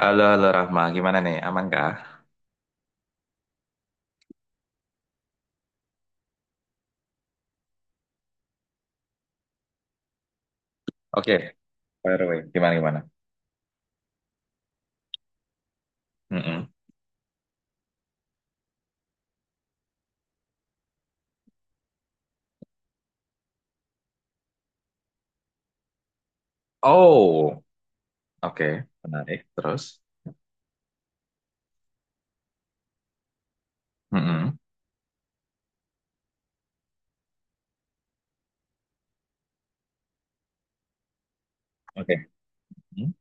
Halo, halo Rahma, gimana nih? Aman kah? Oke, by the way, gimana gimana? Mm-mm. Oh, oke, menarik. Terus, mm-mm. Oke, mm.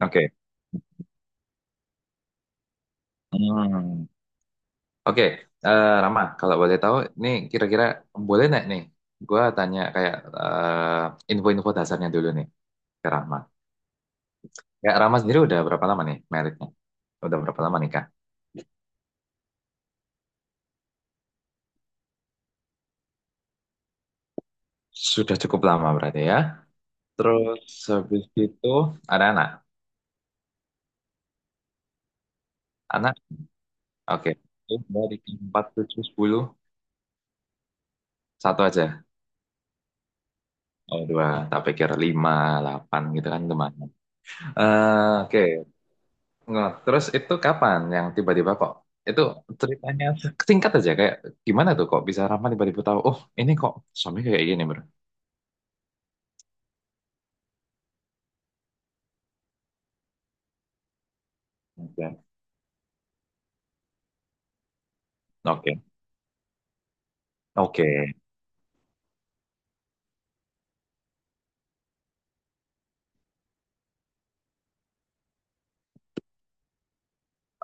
Oke, hmm. Oke. Eh, Rahma, kalau boleh tahu, nih kira-kira boleh nggak nih? Gua tanya kayak info-info dasarnya dulu nih ke Rahma. Ya, Rahma sendiri udah berapa lama nih meritnya? Udah berapa lama nikah? Sudah cukup lama berarti ya. Terus habis itu ada anak. Anak Oke. Dari 4, 7, 10. Satu aja. Oh, dua. Tak pikir 5, 8 gitu kan lumayan. Oke. Nggak. Terus itu kapan yang tiba-tiba kok? Itu ceritanya singkat aja. Kayak gimana tuh kok bisa Rama tiba-tiba tahu, oh ini kok suami kayak gini bro. Oke. Oke. Oke.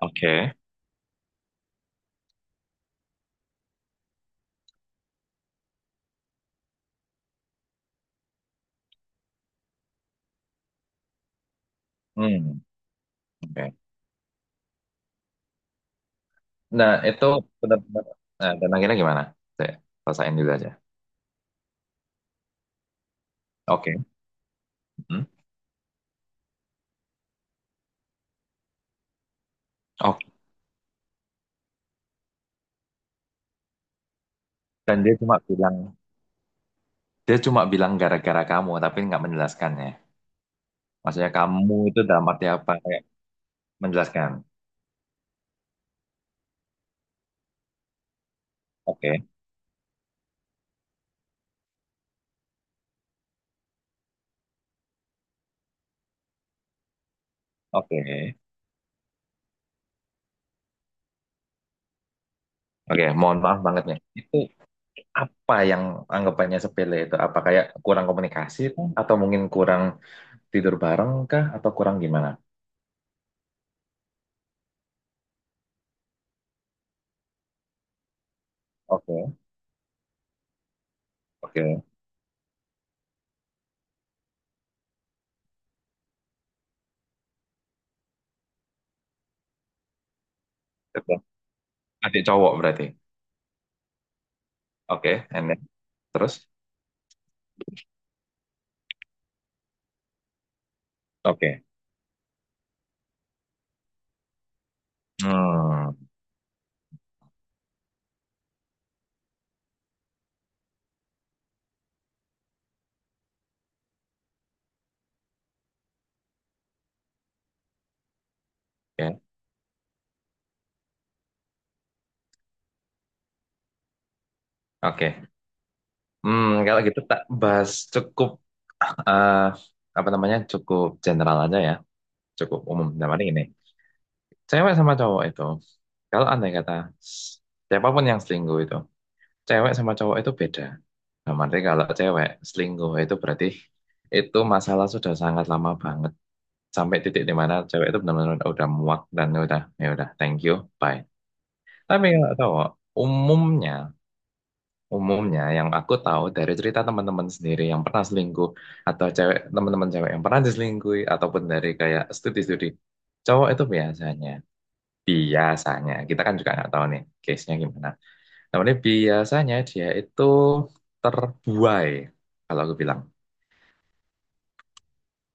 Oke. Hmm. Oke. Nah, itu benar-benar. Nah, dan akhirnya gimana? Saya rasain dulu aja. Oke. Hmm. Oke. Dan dia cuma bilang Dia cuma bilang gara-gara kamu, tapi nggak menjelaskannya. Maksudnya kamu itu dalam arti apa? Kayak menjelaskan. Oke, oke, oke. Mohon maaf banget nih. Itu apa yang anggapannya sepele itu? Apa kayak kurang komunikasi kah? Atau mungkin kurang tidur bareng kah? Atau kurang gimana? Oke, oke. Oke. Adik cowok berarti. Oke, and then, terus? Oke. Hmm, oke, oke. Hmm, kalau gitu tak bahas cukup eh, apa namanya cukup general aja ya. Cukup umum. Nah, paling ini, cewek sama cowok itu, kalau andai kata siapapun yang selingkuh itu, cewek sama cowok itu beda. Nah, berarti kalau cewek selingkuh itu berarti itu masalah sudah sangat lama banget. Sampai titik di mana cewek itu benar-benar udah muak dan udah, ya udah, thank you, bye. Tapi kalau cowok, umumnya, umumnya yang aku tahu dari cerita teman-teman sendiri yang pernah selingkuh, atau cewek teman-teman cewek yang pernah diselingkuhi, ataupun dari kayak studi-studi, cowok itu biasanya. Biasanya, kita kan juga nggak tahu nih case-nya gimana. Namanya biasanya dia itu terbuai, kalau aku bilang.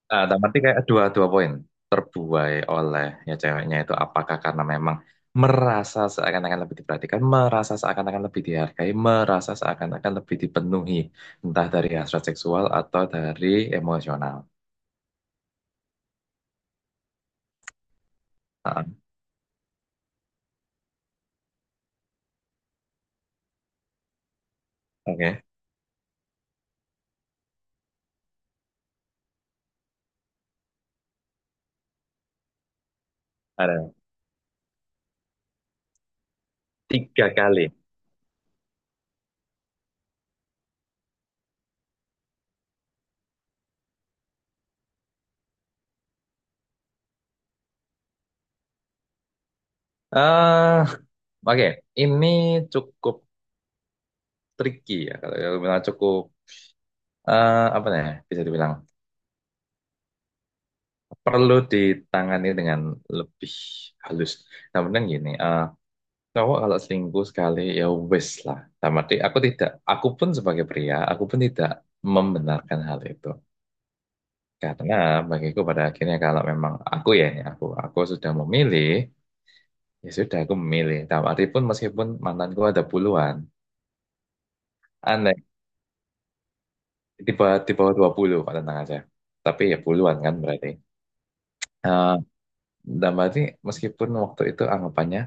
Nah, dalam arti kayak dua poin. Terbuai oleh ya ceweknya itu apakah karena memang merasa seakan-akan lebih diperhatikan, merasa seakan-akan lebih dihargai, merasa seakan-akan lebih dipenuhi, entah dari hasrat seksual atau dari emosional. Ah, oke, ada 3 kali. eh Oke, ini cukup tricky ya. Kalau aku bilang cukup apa namanya bisa dibilang perlu ditangani dengan lebih halus. Namun gini, cowok kalau selingkuh sekali ya wes lah. Sama arti aku tidak, aku pun sebagai pria, aku pun tidak membenarkan hal itu. Karena bagiku pada akhirnya kalau memang aku ya, ini aku sudah memilih, ya sudah aku memilih. Dalam arti pun meskipun mantanku ada puluhan, aneh di bawah 20 Pak tenang aja. Tapi ya puluhan kan berarti. Eh, dan berarti meskipun waktu itu anggapannya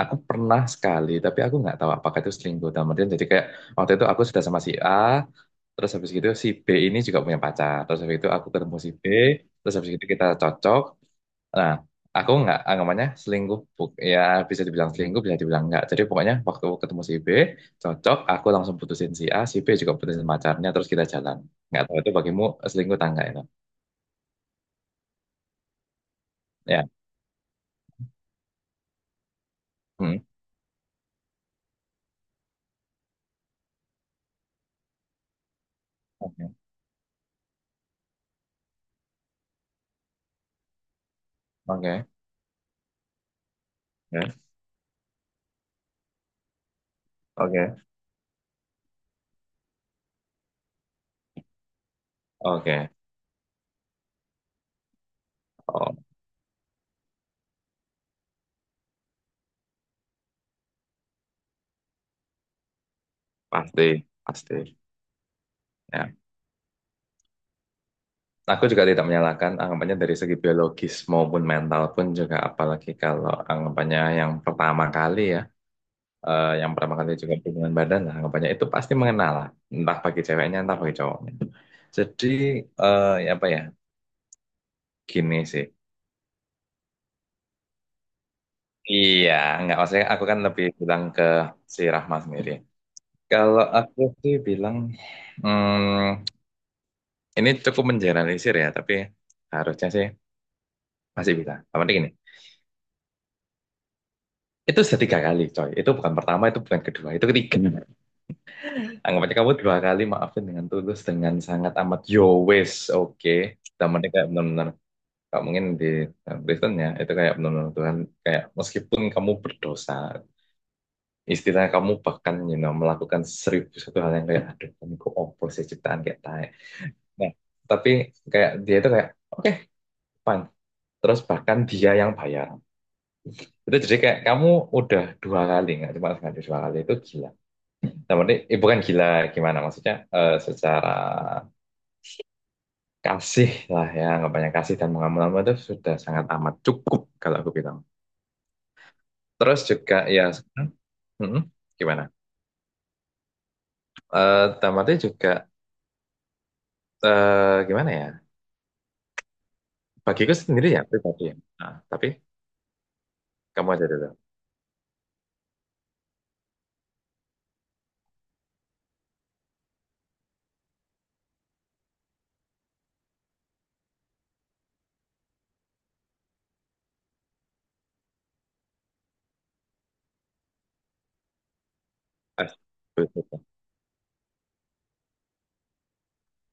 aku pernah sekali tapi aku nggak tahu apakah itu selingkuh dalam artian jadi kayak waktu itu aku sudah sama si A terus habis gitu si B ini juga punya pacar terus habis itu aku ketemu si B terus habis itu kita cocok nah aku nggak anggapannya selingkuh ya bisa dibilang selingkuh bisa dibilang nggak jadi pokoknya waktu aku ketemu si B cocok aku langsung putusin si A si B juga putusin pacarnya terus kita jalan nggak tahu itu bagimu selingkuh tangga itu ya. Hmm. Oke, oke. Ya. Oke, oke. Oh, pasti, pasti ya. Aku juga tidak menyalahkan anggapannya dari segi biologis maupun mental pun juga apalagi kalau anggapannya yang pertama kali ya yang pertama kali juga hubungan badan lah anggapannya itu pasti mengenal lah entah bagi ceweknya entah bagi cowoknya. Jadi ya apa ya gini sih. Iya nggak maksudnya aku kan lebih bilang ke si Rahma sendiri. Kalau aku sih bilang hmm, ini cukup mengeneralisir ya tapi harusnya sih masih bisa. Tapi gini. Itu sudah 3 kali, coy. Itu bukan pertama, itu bukan kedua, itu ketiga. Anggap aja kamu 2 kali maafin dengan tulus, dengan sangat amat yo wes, oke. Temennya kayak benar-benar, nggak mungkin di dalam Kristen ya, itu kayak benar-benar Tuhan, kayak meskipun kamu berdosa, istilahnya kamu bahkan you know, melakukan seribu satu hal yang kayak, aduh, ini kok opo sih ciptaan kayak tae. Nah, tapi kayak dia itu kayak, oke, fine. Terus bahkan dia yang bayar. Itu jadi kayak kamu udah 2 kali, nggak cuma sekali 2 kali, itu gila. Nah, berarti bukan gila gimana maksudnya secara kasih lah ya anggapannya kasih dan mengamalkan itu sudah sangat amat cukup kalau aku bilang. Terus juga ya sekarang, mm-mm, gimana? Tamatnya juga gimana ya? Bagiku sendiri ya pribadi ya. Nah, tapi kamu aja dulu. Eh, bullshit,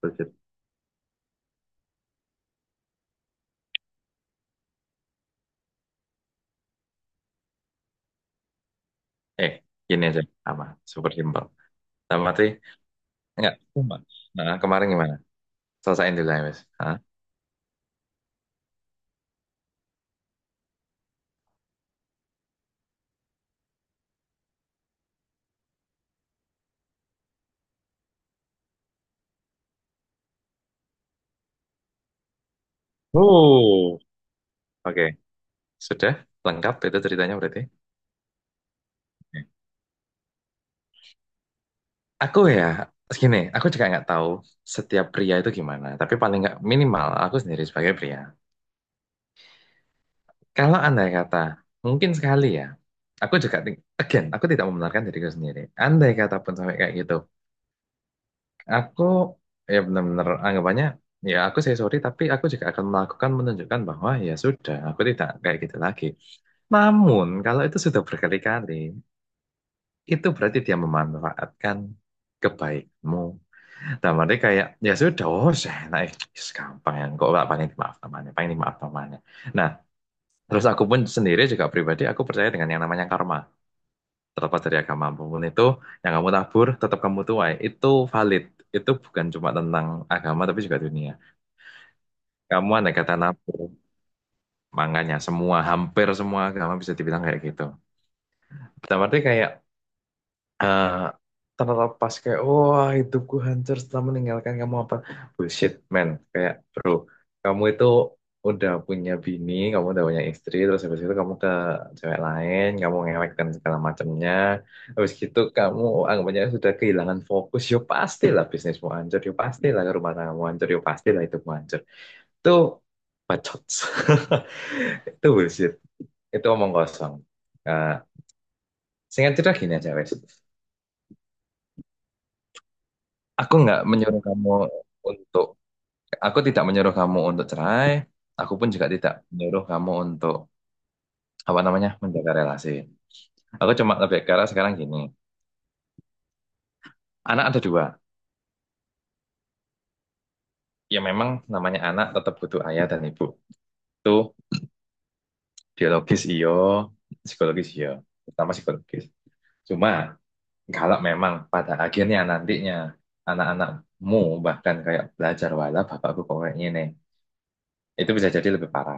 bullshit. Eh, Gini aja sama super simpel. Tamatnya enggak cuma. Nah, kemarin gimana? Selesain dulu ya, Mas. Hah? Uh. Oke, sudah lengkap itu ceritanya berarti. Aku ya, gini, aku juga nggak tahu setiap pria itu gimana. Tapi paling nggak minimal aku sendiri sebagai pria. Kalau andai kata, mungkin sekali ya. Aku juga, again, aku tidak membenarkan diriku sendiri. Andai kata pun sampai kayak gitu. Aku, ya benar-benar anggapannya, ya saya sorry, tapi aku juga akan melakukan menunjukkan bahwa ya sudah, aku tidak kayak gitu lagi. Namun, kalau itu sudah berkali-kali, itu berarti dia memanfaatkan kebaikmu. Dalam arti kayak ya sudah oh enak gampang ya kok nggak paling dimaaf namanya paling dimaaf namanya nah terus aku pun sendiri juga pribadi aku percaya dengan yang namanya karma terlepas dari agama apapun itu yang kamu tabur tetap kamu tuai itu valid itu bukan cuma tentang agama tapi juga dunia kamu ada kata nabur makanya hampir semua agama bisa dibilang kayak gitu dalam arti kayak eh terlepas kayak wah hidupku hancur setelah meninggalkan kamu apa bullshit man kayak bro kamu itu udah punya bini kamu udah punya istri terus habis itu kamu ke cewek lain kamu ngewek dan segala macamnya habis gitu kamu anggapannya sudah kehilangan fokus yo pastilah bisnismu hancur yo pastilah rumah tanggamu hancur yo pastilah hidupmu hancur itu bacot itu bullshit itu omong kosong. Eh Singkat cerita gini aja wes. Aku nggak menyuruh kamu untuk, aku tidak menyuruh kamu untuk cerai. Aku pun juga tidak menyuruh kamu untuk apa namanya menjaga relasi. Aku cuma lebih ke arah sekarang gini. Anak ada dua. Ya memang namanya anak tetap butuh ayah dan ibu. Itu biologis iyo, psikologis iyo, terutama psikologis. Cuma kalau memang pada akhirnya nantinya anak-anakmu bahkan kayak belajar wala bapakku kok kayak gini. Itu bisa jadi lebih parah.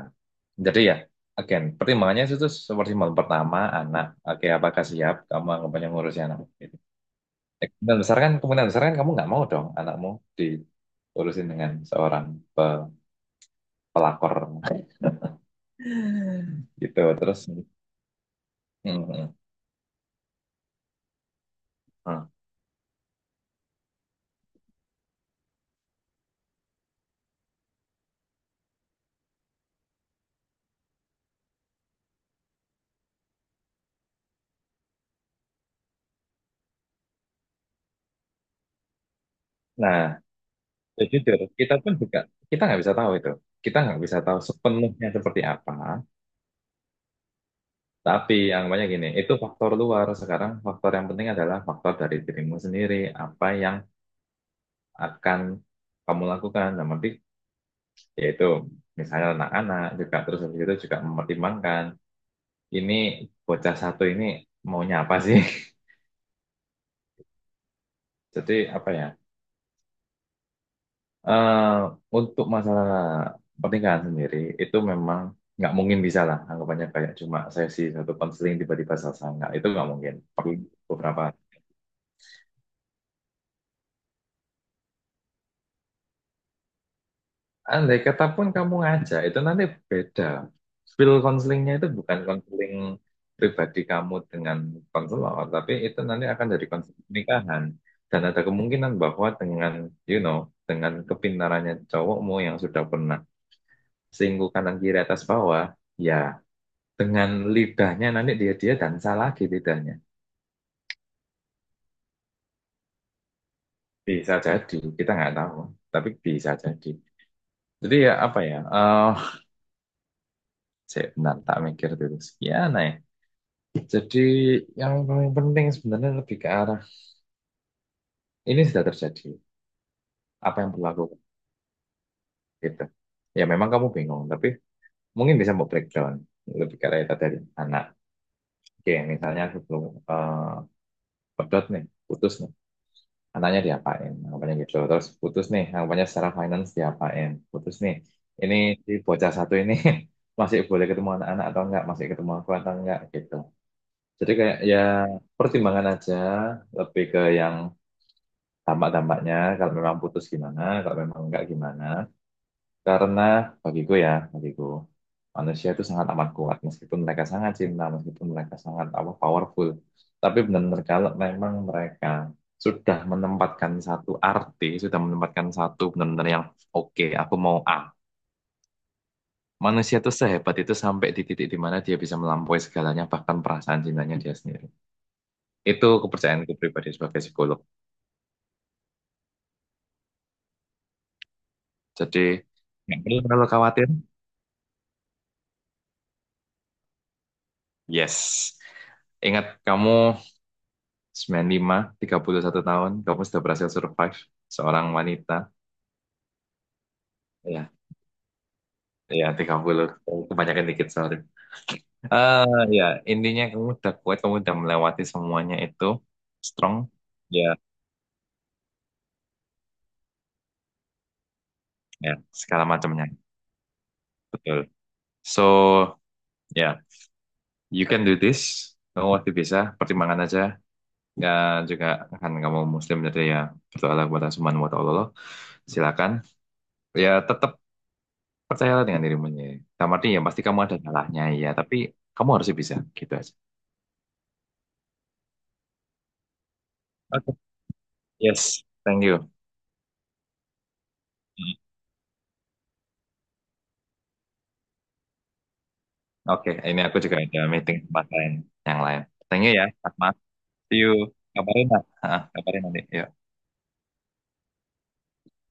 Jadi ya, again, pertimbangannya itu seperti malam pertama, anak. Oke, apakah siap kamu anggapannya ngurusin anak? Gitu. Kemungkinan besar kan kamu nggak mau dong anakmu diurusin dengan seorang pe- pelakor. Gitu, terus. Mm, mm, mm. Nah, ya jujur, kita pun juga, kita nggak bisa tahu itu. Kita nggak bisa tahu sepenuhnya seperti apa. Tapi yang banyak gini, itu faktor luar. Sekarang faktor yang penting adalah faktor dari dirimu sendiri. Apa yang akan kamu lakukan. Nah, nanti yaitu misalnya anak-anak juga terus habis itu juga mempertimbangkan ini bocah satu ini maunya apa sih? Jadi apa ya? Eh untuk masalah pernikahan sendiri itu memang nggak mungkin bisa lah anggapannya kayak cuma sesi satu konseling tiba-tiba selesai nggak itu nggak mungkin perlu beberapa. Andai kata pun kamu ngajak, itu nanti beda. Skill counselingnya itu bukan counseling pribadi kamu dengan konselor, tapi itu nanti akan dari counseling pernikahan. Dan ada kemungkinan bahwa you know, dengan kepintarannya cowokmu yang sudah pernah singgung kanan kiri atas bawah, ya dengan lidahnya nanti dia dia dansa lagi lidahnya. Bisa jadi, kita nggak tahu, tapi bisa jadi. Jadi ya apa ya? Saya bentar tak mikir dulu. Sekian ya. Jadi yang paling penting sebenarnya lebih ke arah ini sudah terjadi, apa yang berlaku gitu. Ya memang kamu bingung, tapi mungkin bisa mau breakdown lebih ke arah itu tadi anak. Oke, misalnya sebelum eh pedot nih, putus nih, anaknya diapain, anggapannya gitu. Terus putus nih, anggapannya secara finance diapain, putus nih. Ini si bocah satu ini masih boleh ketemu anak-anak atau enggak, masih ketemu aku atau enggak gitu. Jadi kayak ya pertimbangan aja lebih ke yang tampak-tampaknya kalau memang putus gimana, kalau memang enggak gimana. Karena bagiku ya, bagiku manusia itu sangat amat kuat meskipun mereka sangat cinta, meskipun mereka sangat apa powerful. Tapi benar-benar kalau memang mereka sudah menempatkan satu arti, sudah menempatkan satu benar-benar yang oke, aku mau A. Manusia itu sehebat itu sampai di titik di mana dia bisa melampaui segalanya, bahkan perasaan cintanya dia sendiri. Itu kepercayaanku pribadi sebagai psikolog. Jadi, nggak perlu terlalu khawatir. Yes. Ingat kamu 95 31 tahun, kamu sudah berhasil survive seorang wanita. Ya, ya, 30. Kebanyakan dikit, sorry. Ya, intinya kamu udah kuat, kamu udah melewati semuanya itu. Strong. Ya, ya, segala macamnya. Betul. So, ya, you can do this. Kamu pasti bisa, pertimbangan aja. Ya, juga kan kamu muslim jadi ya berdoalah kepada Subhanahu wa ta'ala. Silakan. Ya, tetap percayalah dengan dirimu sendiri. Dalam arti ya pasti kamu ada salahnya ya, tapi kamu harus bisa gitu aja. Oke, yes, thank you. Hmm. Oke, ini aku juga ada meeting tempat lain yang lain. Thank you ya, Mas. See you. Kabarin lah. Ah, kabarin nanti. Yuk.